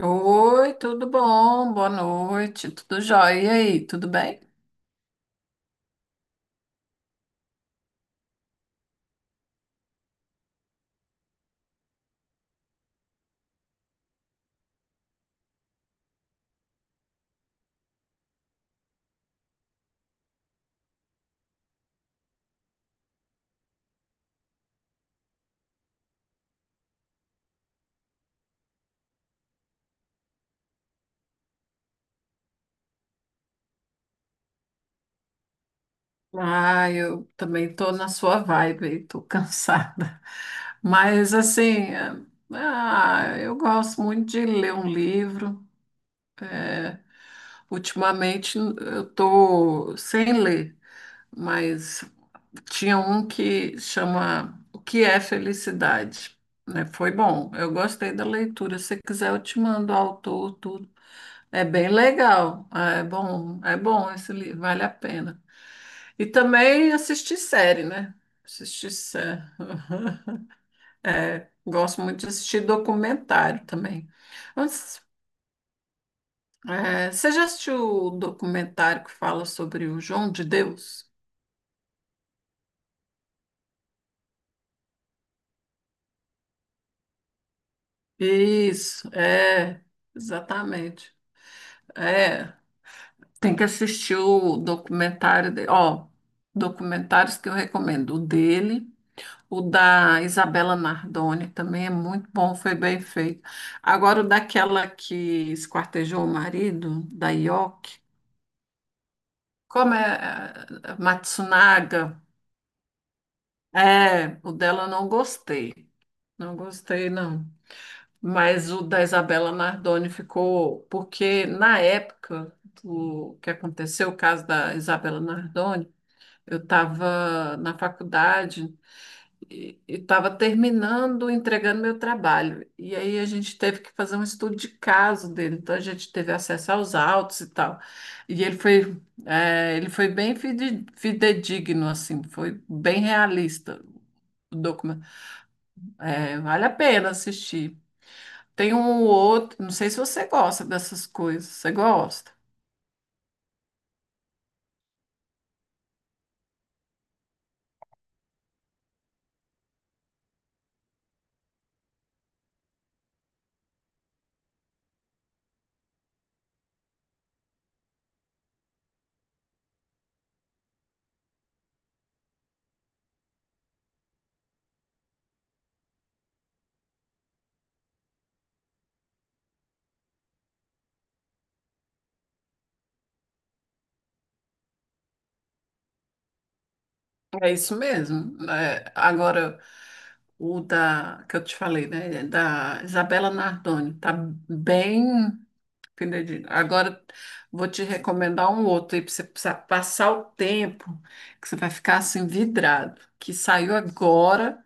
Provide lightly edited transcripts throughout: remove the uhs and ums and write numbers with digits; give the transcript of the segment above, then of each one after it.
Oi, tudo bom? Boa noite, tudo jóia? E aí, tudo bem? Ah, eu também tô na sua vibe, aí, tô cansada. Mas assim, ah, eu gosto muito de ler um livro. É, ultimamente eu tô sem ler, mas tinha um que chama O que é felicidade, né? Foi bom, eu gostei da leitura. Se quiser, eu te mando o autor, tudo. É bem legal. Ah, é bom, é bom esse livro, vale a pena. E também assistir série, né? Assistir série. É, gosto muito de assistir documentário também. Mas, Você já assistiu o documentário que fala sobre o João de Deus? Isso, é, exatamente. É, tem que assistir o documentário dele. Ó, documentários que eu recomendo. O dele. O da Isabela Nardoni também é muito bom, foi bem feito. Agora, o daquela que esquartejou o marido, da Yoki, como é é, Matsunaga, é, o dela eu não gostei. Não gostei, não. Mas o da Isabela Nardoni ficou, porque na época do que aconteceu o caso da Isabela Nardoni, eu estava na faculdade, e estava terminando, entregando meu trabalho. E aí a gente teve que fazer um estudo de caso dele, então a gente teve acesso aos autos e tal. E ele foi, ele foi bem fidedigno, assim, foi bem realista o documento. Vale a pena assistir. Tem um outro, não sei se você gosta dessas coisas, você gosta? É isso mesmo. É, agora, o da, que eu te falei, né? Da Isabela Nardoni, tá bem. Penedinho. Agora vou te recomendar um outro aí para você pra passar o tempo, que você vai ficar assim vidrado, que saiu agora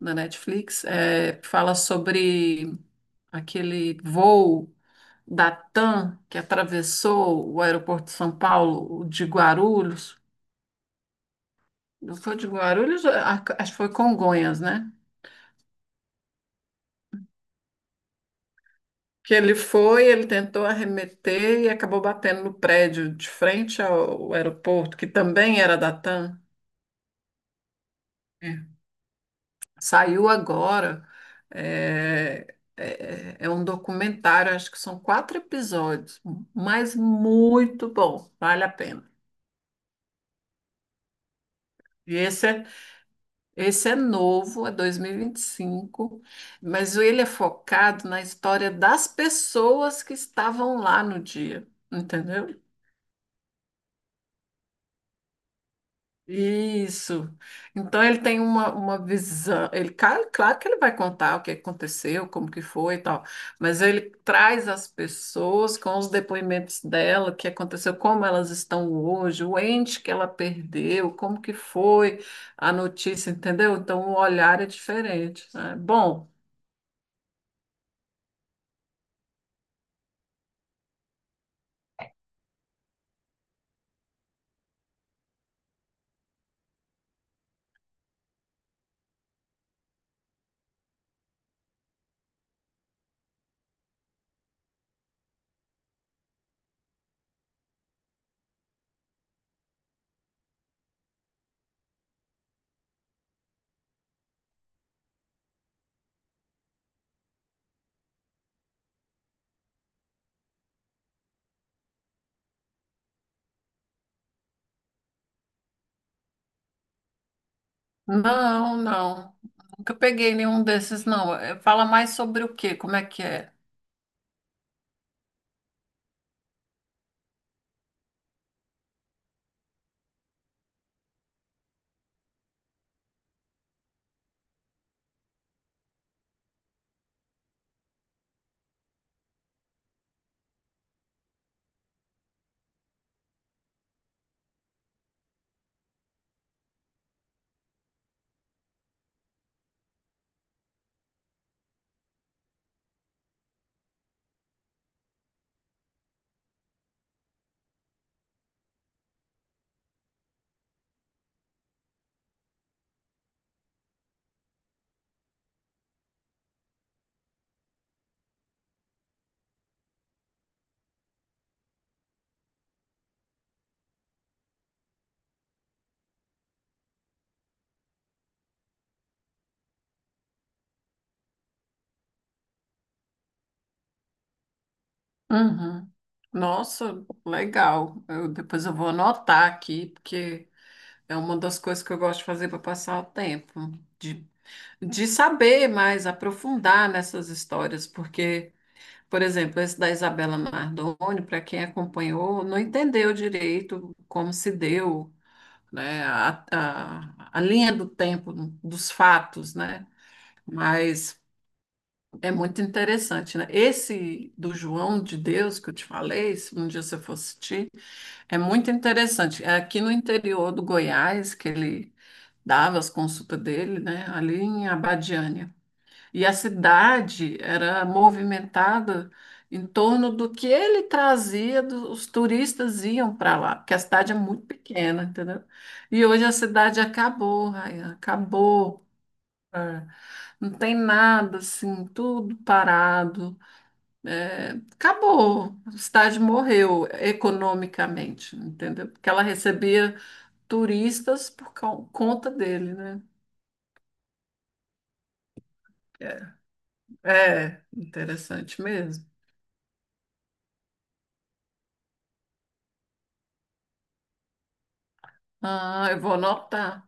na Netflix, é, fala sobre aquele voo da TAM que atravessou o aeroporto de São Paulo, o de Guarulhos. Não foi de Guarulhos, é, acho que foi Congonhas, né? Que ele foi, ele tentou arremeter e acabou batendo no prédio de frente ao aeroporto, que também era da TAM. É. Saiu agora. É um documentário, acho que são 4 episódios, mas muito bom, vale a pena. E esse é, Esse é novo, é dois mil e vinte e cinco, mas ele é focado na história das pessoas que estavam lá no dia, entendeu? Isso. Então ele tem uma visão. Claro que ele vai contar o que aconteceu, como que foi e tal, mas ele traz as pessoas com os depoimentos dela, o que aconteceu, como elas estão hoje, o ente que ela perdeu, como que foi a notícia, entendeu? Então o olhar é diferente, né? Bom, não, não. Nunca peguei nenhum desses, não. Fala mais sobre o quê? Como é que é? Uhum. Nossa, legal. Depois eu vou anotar aqui, porque é uma das coisas que eu gosto de fazer para passar o tempo, de, de saber mais, aprofundar nessas histórias, porque, por exemplo, esse da Isabela Nardoni, para quem acompanhou, não entendeu direito como se deu, né, a linha do tempo dos fatos, né? Mas é muito interessante, né? Esse do João de Deus que eu te falei, se um dia você for assistir, é muito interessante. É aqui no interior do Goiás que ele dava as consultas dele, né? Ali em Abadiânia. E a cidade era movimentada em torno do que ele trazia, os turistas iam para lá, porque a cidade é muito pequena, entendeu? E hoje a cidade acabou, Raia, acabou. É, não tem nada assim, tudo parado, é, acabou, a cidade morreu economicamente, entendeu? Porque ela recebia turistas por conta dele, né? É, é interessante mesmo. Ah, eu vou anotar.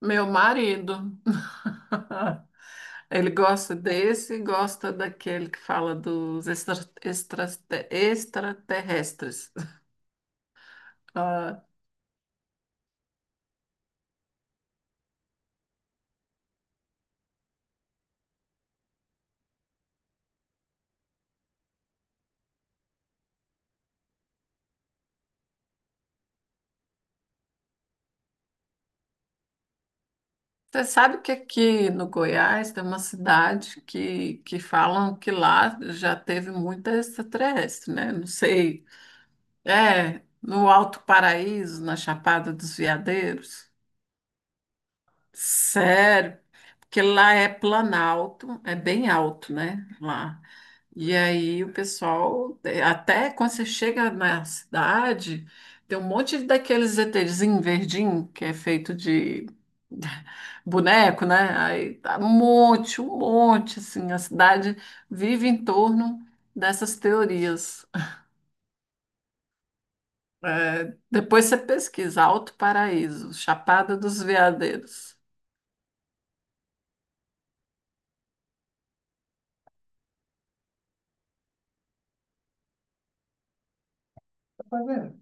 Meu marido. Ele gosta desse e gosta daquele que fala dos extra- extraterrestres. Você sabe que aqui no Goiás tem uma cidade que falam que lá já teve muita extraterrestre, né? Não sei. É, no Alto Paraíso, na Chapada dos Veadeiros. Sério, porque lá é planalto, é bem alto, né? Lá. E aí o pessoal, até quando você chega na cidade, tem um monte daqueles ETzinho verdinho, que é feito de boneco, né? Aí tá um monte, assim, a cidade vive em torno dessas teorias. Depois você pesquisa, Alto Paraíso, Chapada dos Veadeiros. Tá fazendo?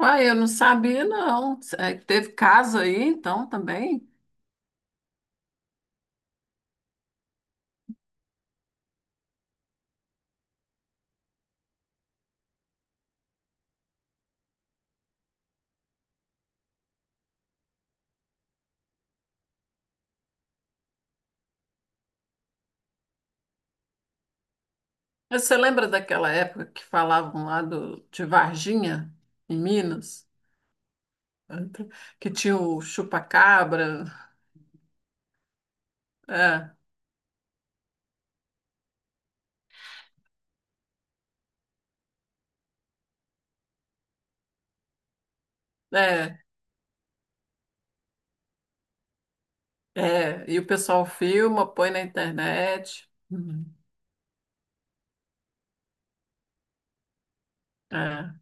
Uai, eu não sabia, não. Teve caso aí, então, também? Mas você lembra daquela época que falavam lá de Varginha, em Minas, que tinha o chupa-cabra? É, é, é. E o pessoal filma, põe na internet. Uhum. É.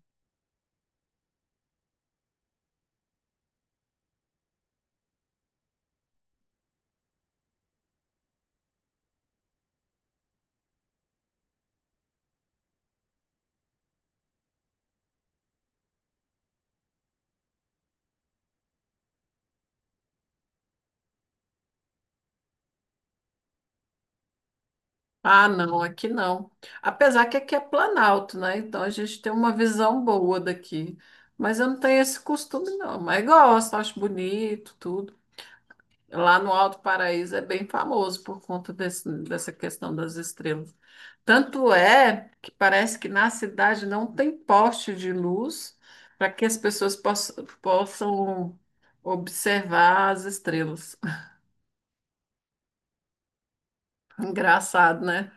Ah, não, aqui não. Apesar que aqui é Planalto, né? Então a gente tem uma visão boa daqui. Mas eu não tenho esse costume, não. Mas gosto, acho bonito, tudo. Lá no Alto Paraíso é bem famoso por conta desse, dessa questão das estrelas. Tanto é que parece que na cidade não tem poste de luz para que as pessoas possam observar as estrelas. Engraçado, né?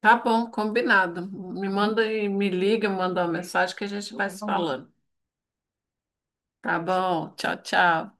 Tá bom, combinado. Me manda e me liga, manda uma mensagem que a gente vai se falando. Tá bom, tchau, tchau.